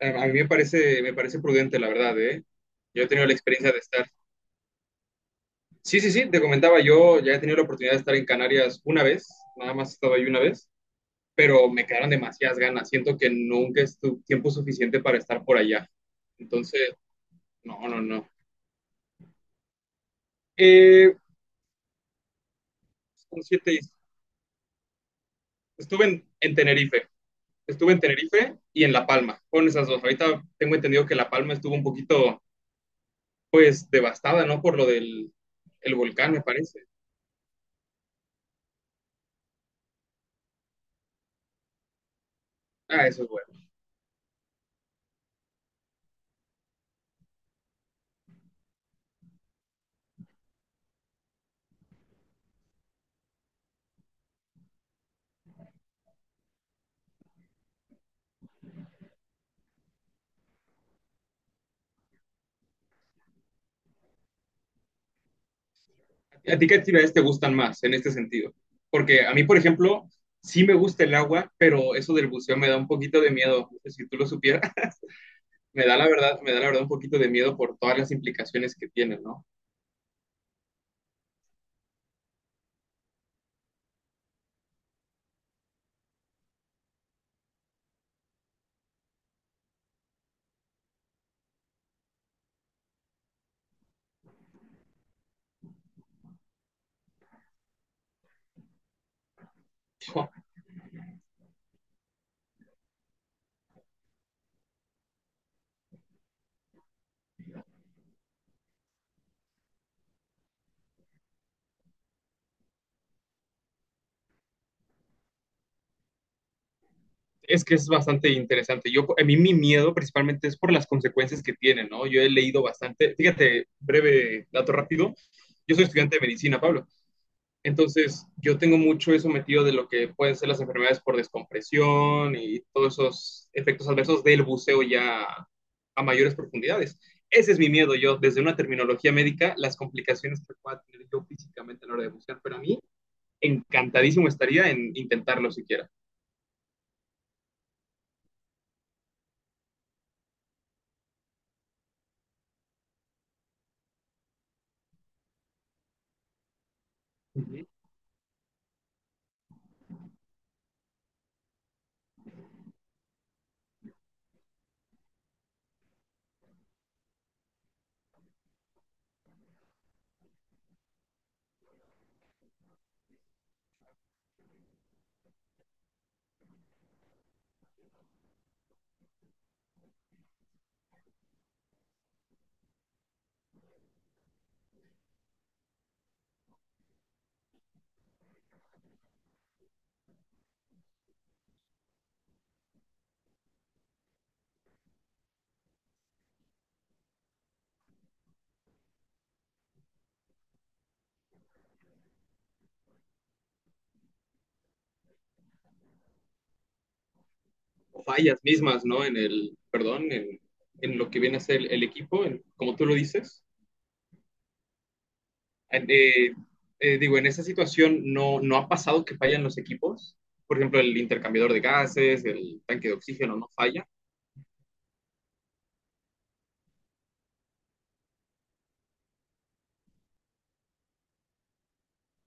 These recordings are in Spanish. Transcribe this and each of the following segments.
A mí me parece prudente, la verdad, ¿eh? Yo he tenido la experiencia de estar. Sí, sí, sí, te comentaba, yo ya he tenido la oportunidad de estar en Canarias una vez, nada más he estado ahí una vez, pero me quedaron demasiadas ganas. Siento que nunca es tu tiempo suficiente para estar por allá. Entonces, no, no, no. Eh, son siete islas. Estuve en Tenerife, estuve en Tenerife y en La Palma, con esas dos. Ahorita tengo entendido que La Palma estuvo un poquito, pues, devastada, ¿no? Por lo del el volcán, me parece. Ah, eso es bueno. ¿A ti qué actividades te gustan más en este sentido? Porque a mí, por ejemplo, sí me gusta el agua, pero eso del buceo me da un poquito de miedo. Si tú lo supieras, me da la verdad un poquito de miedo por todas las implicaciones que tiene, ¿no? Es que es bastante interesante. A mí mi miedo principalmente es por las consecuencias que tiene, ¿no? Yo he leído bastante, fíjate, breve dato rápido, yo soy estudiante de medicina, Pablo. Entonces, yo tengo mucho eso metido de lo que pueden ser las enfermedades por descompresión y todos esos efectos adversos del buceo ya a mayores profundidades. Ese es mi miedo, yo, desde una terminología médica, las complicaciones que pueda tener yo físicamente a la hora de bucear, pero a mí encantadísimo estaría en intentarlo siquiera. Ujú. O fallas mismas, ¿no? En el, perdón, en lo que viene a ser el equipo, en, como tú lo dices, eh, digo, en esa situación no, no ha pasado que fallan los equipos. Por ejemplo, el intercambiador de gases, el tanque de oxígeno no falla.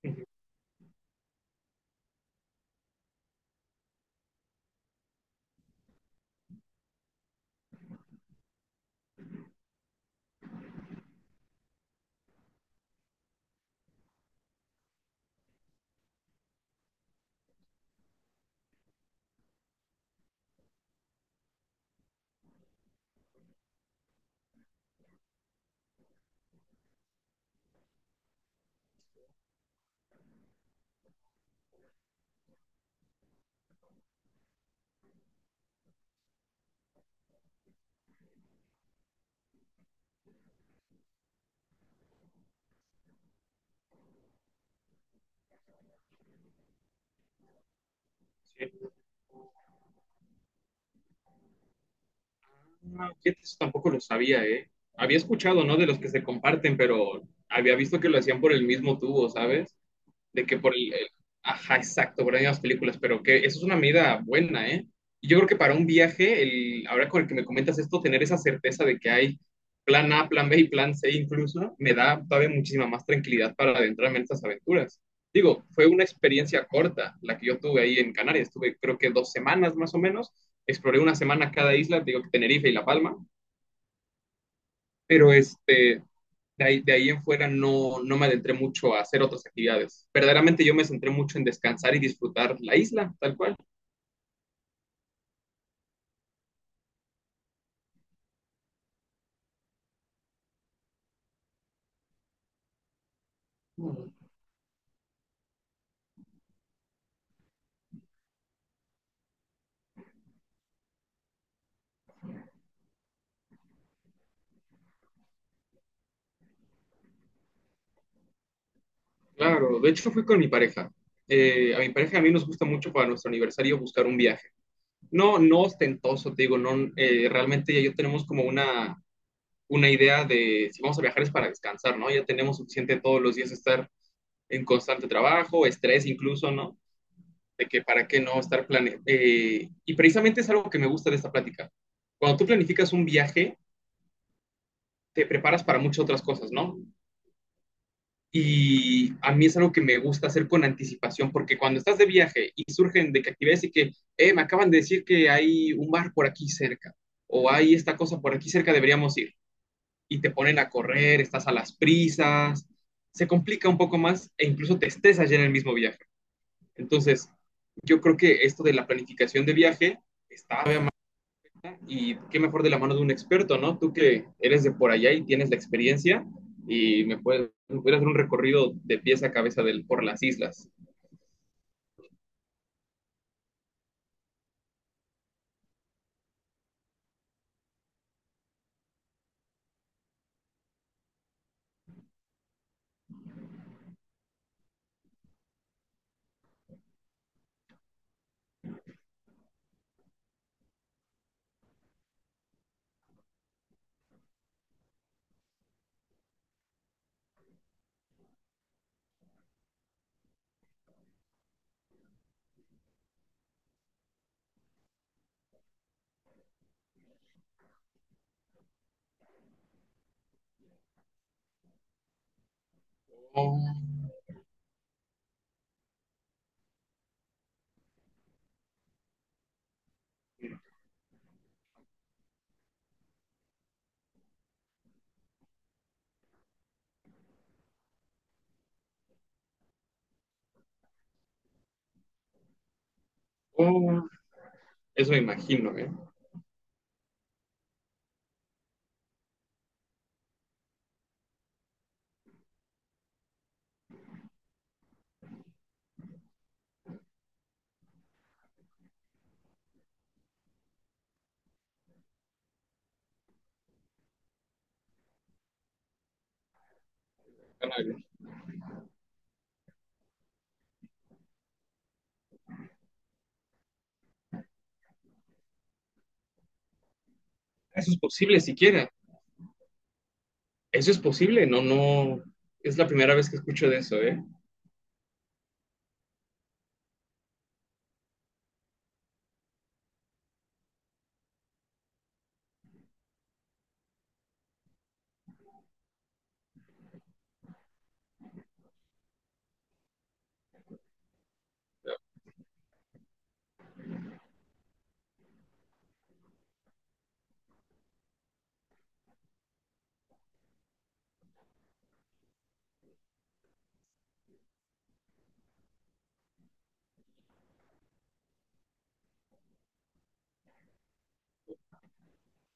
Ujú. Sí. No, fíjate, eso tampoco lo sabía, ¿eh? Había escuchado, ¿no? De los que se comparten, pero había visto que lo hacían por el mismo tubo, ¿sabes? De que ajá, exacto, por las mismas películas, pero que eso es una medida buena, ¿eh? Y yo creo que para un viaje, ahora con el que me comentas esto, tener esa certeza de que hay plan A, plan B y plan C incluso, me da todavía muchísima más tranquilidad para adentrarme en estas aventuras. Digo, fue una experiencia corta la que yo tuve ahí en Canarias, estuve creo que 2 semanas más o menos, exploré una semana cada isla, digo que Tenerife y La Palma, pero de ahí en fuera no, no me adentré mucho a hacer otras actividades. Verdaderamente yo me centré mucho en descansar y disfrutar la isla, tal cual. Claro, de hecho fui con mi pareja. A mi pareja y a mí nos gusta mucho para nuestro aniversario buscar un viaje. No, no ostentoso, te digo, no, realmente ya yo tenemos como una idea de si vamos a viajar es para descansar, ¿no? Ya tenemos suficiente todos los días estar en constante trabajo, estrés incluso, ¿no? De que para qué no estar plane y precisamente es algo que me gusta de esta plática. Cuando tú planificas un viaje, te preparas para muchas otras cosas, ¿no? Y a mí es algo que me gusta hacer con anticipación, porque cuando estás de viaje y surgen de que actividades y que, me acaban de decir que hay un bar por aquí cerca, o hay esta cosa por aquí cerca, deberíamos ir, y te ponen a correr, estás a las prisas, se complica un poco más e incluso te estresas ya en el mismo viaje. Entonces, yo creo que esto de la planificación de viaje está. Y qué mejor de la mano de un experto, ¿no? Tú que eres de por allá y tienes la experiencia y me puedes hacer un recorrido de pies a cabeza por las islas. Oh, oh, eso me imagino, ¿eh? Eso es posible siquiera. Eso es posible, no, no. Es la primera vez que escucho de eso, ¿eh?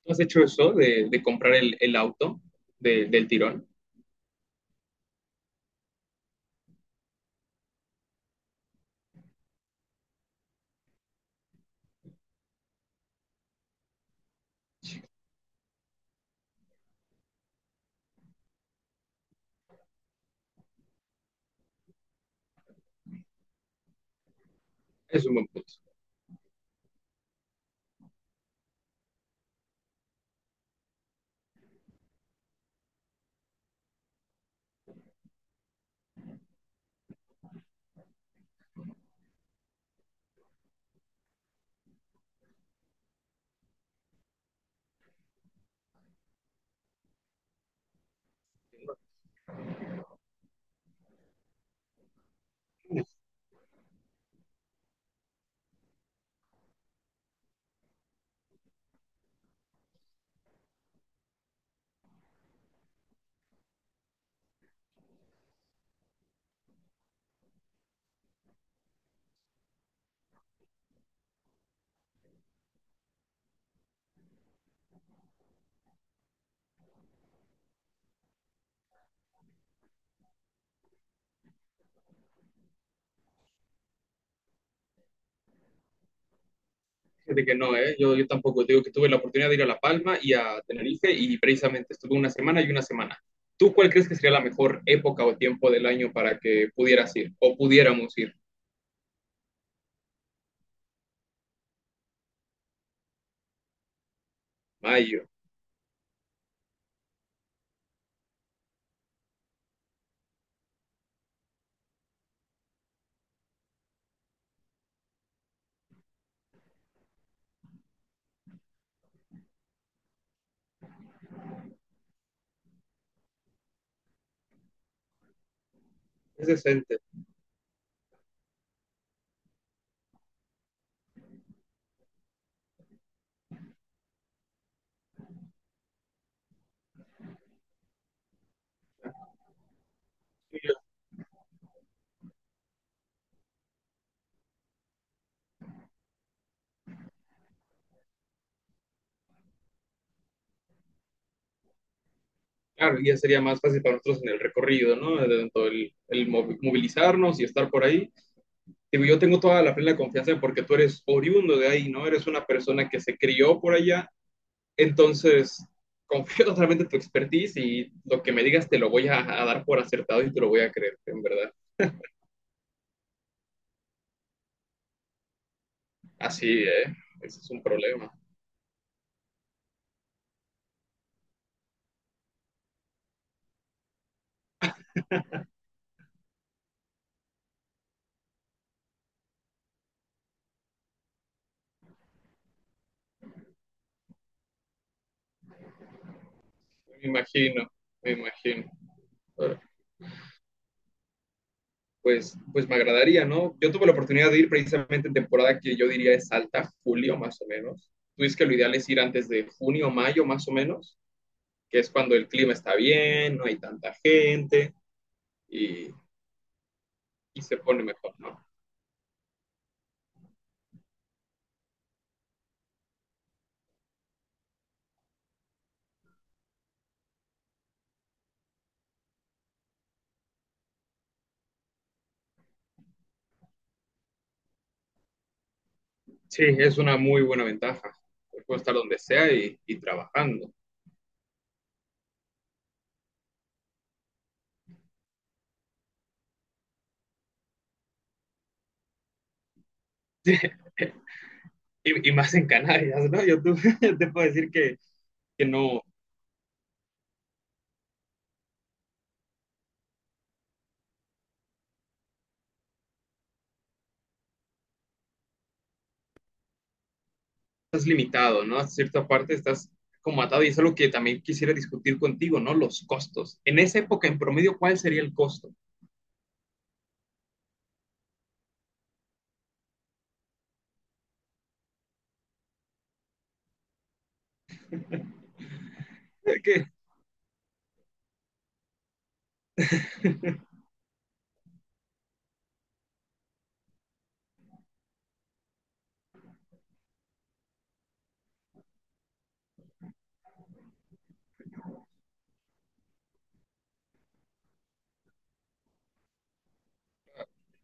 ¿Tú has hecho eso de comprar el auto del tirón? Es un buen punto. Fíjate que no, ¿eh? Yo tampoco. Digo que tuve la oportunidad de ir a La Palma y a Tenerife y precisamente estuve una semana y una semana. ¿Tú cuál crees que sería la mejor época o tiempo del año para que pudieras ir o pudiéramos ir? Mayo, es decente. Julio, claro, ya sería más fácil para nosotros en el recorrido, ¿no? Tanto el movilizarnos y estar por ahí. Digo, yo tengo toda la plena confianza porque tú eres oriundo de ahí, ¿no? Eres una persona que se crió por allá. Entonces, confío totalmente en tu expertise y lo que me digas te lo voy a dar por acertado y te lo voy a creer, en verdad. Así, ¿eh? Ese es un problema. Me imagino, me imagino. Ahora, pues me agradaría, ¿no? Yo tuve la oportunidad de ir precisamente en temporada que yo diría es alta, julio más o menos. Tú dices que lo ideal es ir antes de junio, mayo más o menos, que es cuando el clima está bien, no hay tanta gente y, y se pone mejor, ¿no? Sí, es una muy buena ventaja. Puedo estar donde sea y trabajando. Y más en Canarias, ¿no? Yo te puedo decir que, no estás limitado, ¿no? A cierta parte estás como atado y es algo que también quisiera discutir contigo, ¿no? Los costos. En esa época, en promedio, ¿cuál sería el costo? Que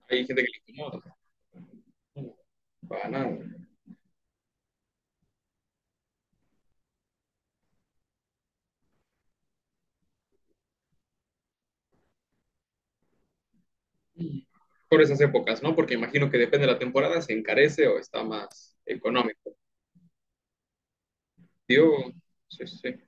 hay gente que le incomoda, ¿no? Para nada. Por esas épocas, ¿no? Porque imagino que depende de la temporada, se encarece o está más económico. Yo, sí, sí.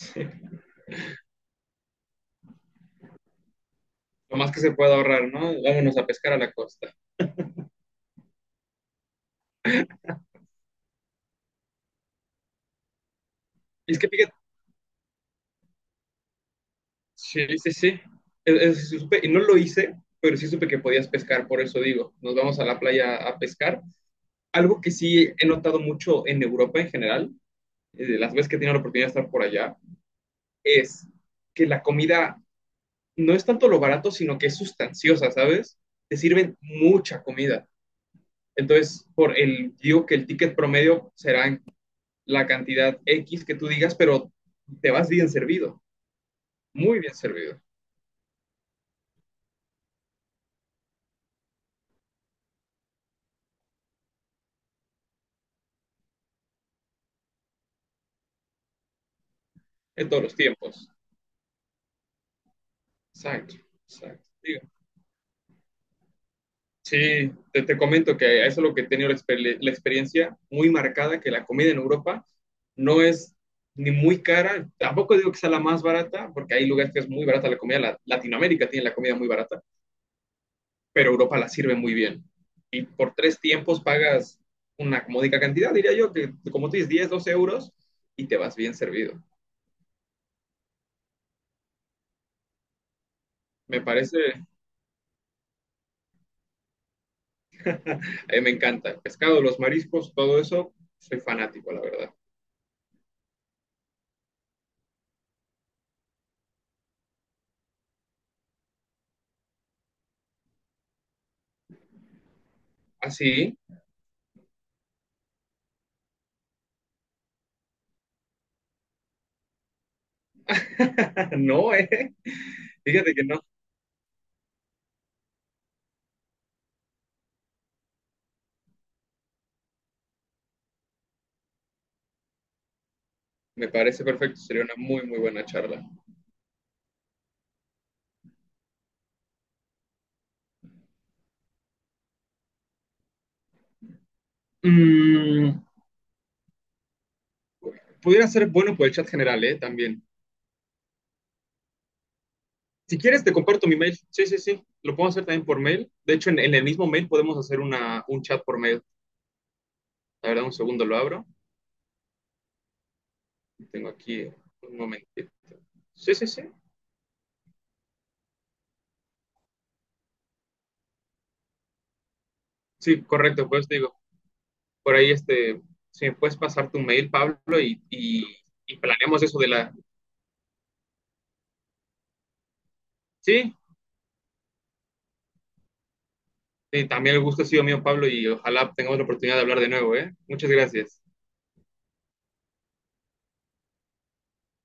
Lo más que se pueda ahorrar, ¿no? Vámonos a pescar a la costa. Y es que fíjate, sí, sí, sí. Sí supe- y no lo hice, pero sí supe que podías pescar, por eso digo, nos vamos a la playa a pescar. Algo que sí he notado mucho en Europa en general, de las veces que he tenido la oportunidad de estar por allá, es que la comida no es tanto lo barato, sino que es sustanciosa, ¿sabes? Te sirven mucha comida. Entonces, digo que el ticket promedio será la cantidad X que tú digas, pero te vas bien servido. Muy bien servido en todos los tiempos. Exacto, exacto. Digo, sí, te comento que eso es lo que he tenido la experiencia muy marcada, que la comida en Europa no es ni muy cara, tampoco digo que sea la más barata, porque hay lugares que es muy barata la comida, Latinoamérica tiene la comida muy barata, pero Europa la sirve muy bien. Y por tres tiempos pagas una módica cantidad, diría yo, que como tú dices, 10, 12 euros y te vas bien servido. Me parece. A mí me encanta el pescado, los mariscos, todo eso. Soy fanático, la verdad. Así, no, ¿eh? Fíjate que no. Me parece perfecto, sería una muy, muy buena charla. Mm, pudiera ser bueno por el chat general, ¿eh? También. Si quieres, te comparto mi mail. Sí, sí, sí. Lo puedo hacer también por mail. De hecho, en el mismo mail podemos hacer un chat por mail. La verdad, un segundo lo abro. Tengo aquí un momentito. Sí, sí, sí. Sí, correcto, pues digo. Por ahí, si me puedes pasar tu mail, Pablo, y planeamos eso de la... Sí, sí, también el gusto ha sido mío, Pablo, y ojalá tengamos la oportunidad de hablar de nuevo, ¿eh? Muchas gracias.